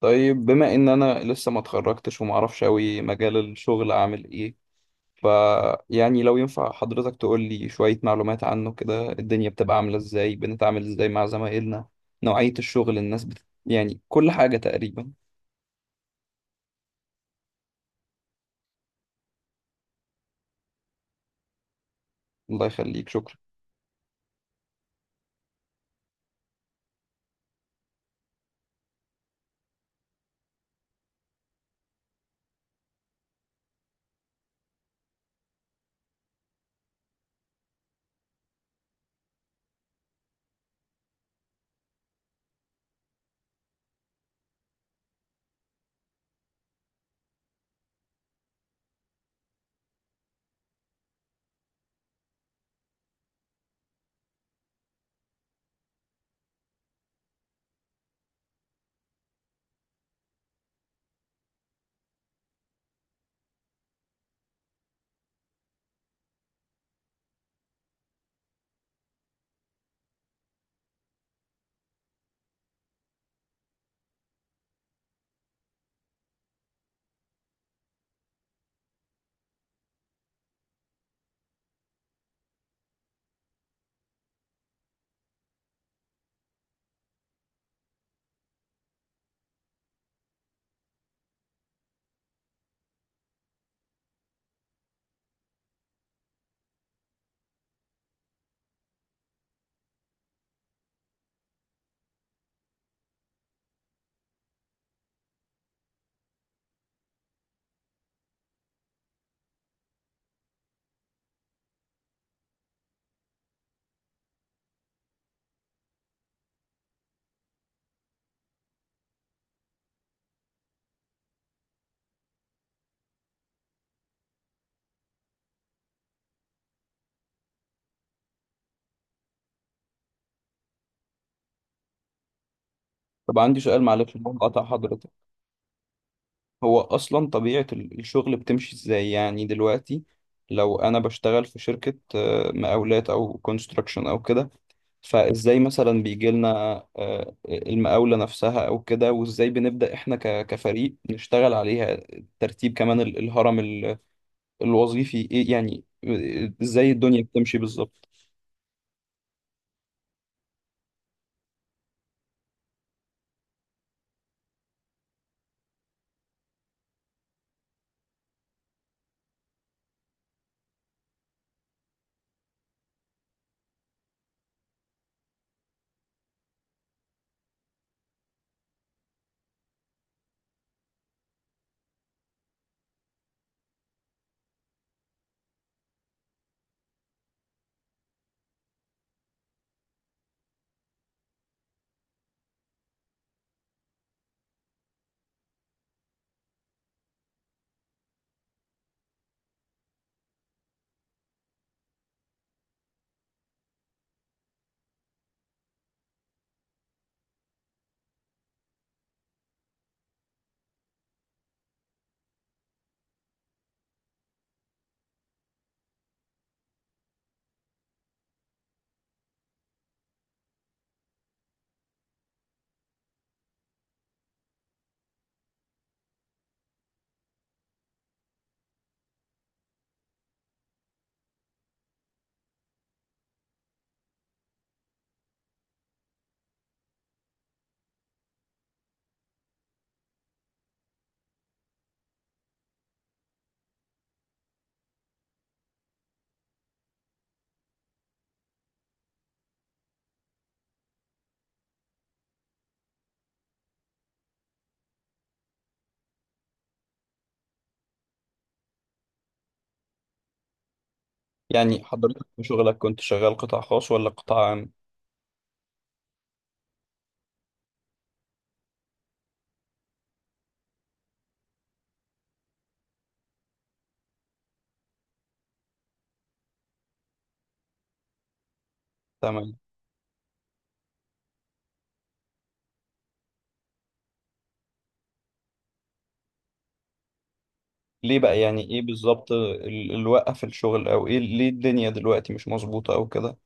طيب بما ان انا لسه ما اتخرجتش وما اعرفش قوي مجال الشغل اعمل ايه. ف يعني لو ينفع حضرتك تقول لي شوية معلومات عنه كده، الدنيا بتبقى عاملة ازاي، بنتعامل ازاي مع زمايلنا، نوعية الشغل، الناس يعني كل حاجة تقريبا. الله يخليك، شكرا. طب عندي سؤال، معلش بقطع حضرتك. هو اصلا طبيعة الشغل بتمشي ازاي يعني دلوقتي؟ لو انا بشتغل في شركة مقاولات او كونستراكشن او كده، فازاي مثلا بيجي لنا المقاولة نفسها او كده، وازاي بنبدأ احنا كفريق نشتغل عليها؟ ترتيب كمان الهرم الوظيفي ايه؟ يعني ازاي الدنيا بتمشي بالظبط؟ يعني حضرتك في شغلك كنت شغال قطاع خاص ولا قطاع عام؟ تمام. ليه بقى يعني، ايه بالظبط اللي وقف الشغل او ايه؟ ليه الدنيا دلوقتي مش مظبوطة او كده؟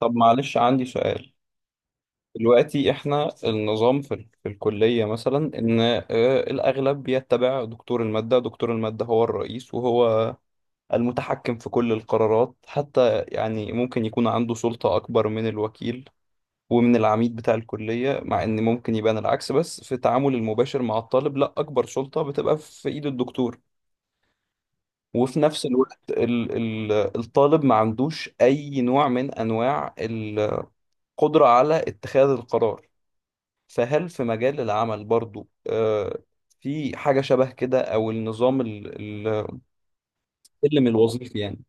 طب معلش عندي سؤال. دلوقتي احنا النظام في في الكلية مثلا ان الاغلب يتبع دكتور المادة، دكتور المادة هو الرئيس، وهو المتحكم في كل القرارات، حتى يعني ممكن يكون عنده سلطة اكبر من الوكيل ومن العميد بتاع الكلية، مع ان ممكن يبان العكس، بس في التعامل المباشر مع الطالب لا، اكبر سلطة بتبقى في ايد الدكتور. وفي نفس الوقت ال ال الطالب ما عندوش اي نوع من انواع القدرة على اتخاذ القرار. فهل في مجال العمل برضو في حاجة شبه كده، أو النظام السلم الوظيفي يعني؟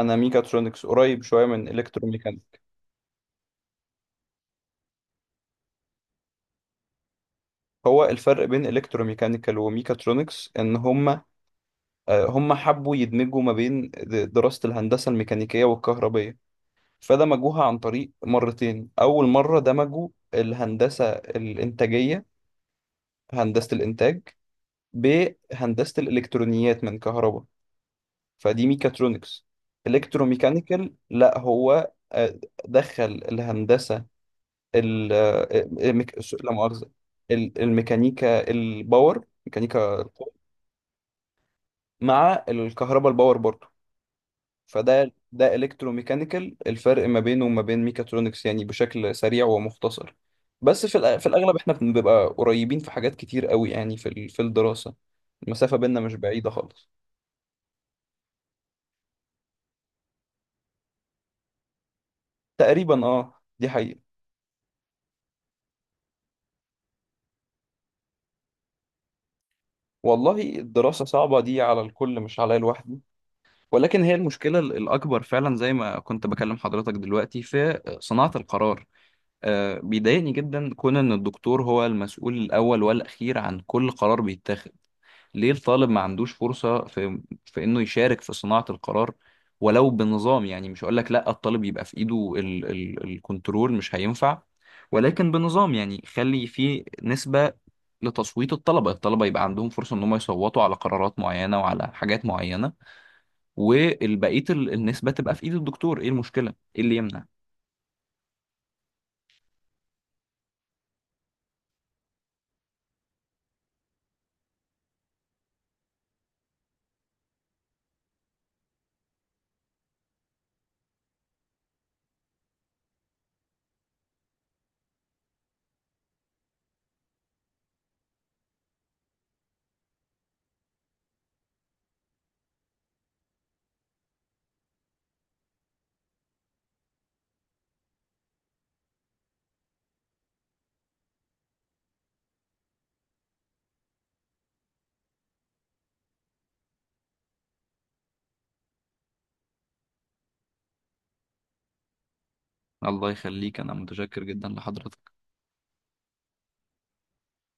أنا ميكاترونكس، قريب شوية من إلكتروميكانيك. هو الفرق بين إلكتروميكانيكال وميكاترونكس إن هما هما حبوا يدمجوا ما بين دراسة الهندسة الميكانيكية والكهربية، فدمجوها عن طريق مرتين. أول مرة دمجوا الهندسة الإنتاجية، هندسة الإنتاج، بهندسة الإلكترونيات من كهرباء، فدي ميكاترونكس. الكتروميكانيكال لا، هو دخل الهندسه ال- آه، لا مؤاخذه، الميكانيكا الباور، ميكانيكا القوة، مع الكهرباء الباور برضو، ده الكتروميكانيكال. الفرق ما بينه وما بين ميكاترونكس يعني بشكل سريع ومختصر. بس في في الاغلب احنا بنبقى قريبين في حاجات كتير قوي يعني، في في الدراسه المسافه بيننا مش بعيده خالص. تقريبا اه، دي حقيقه. والله الدراسة صعبة، دي على الكل مش عليا لوحدي، ولكن هي المشكلة الأكبر فعلا، زي ما كنت بكلم حضرتك دلوقتي، في صناعة القرار. بيضايقني جدا كون إن الدكتور هو المسؤول الأول والأخير عن كل قرار بيتاخد. ليه الطالب ما عندوش فرصة في انه يشارك في صناعة القرار؟ ولو بنظام يعني، مش هقول لك لا الطالب يبقى في ايده ال ال الكنترول، مش هينفع. ولكن بنظام يعني، خلي فيه نسبة لتصويت الطلبة، الطلبة يبقى عندهم فرصة ان هم يصوتوا على قرارات معينة وعلى حاجات معينة، والبقية النسبة تبقى في ايد الدكتور. ايه المشكلة، ايه اللي يمنع؟ الله يخليك، انا متشكر جدا لحضرتك.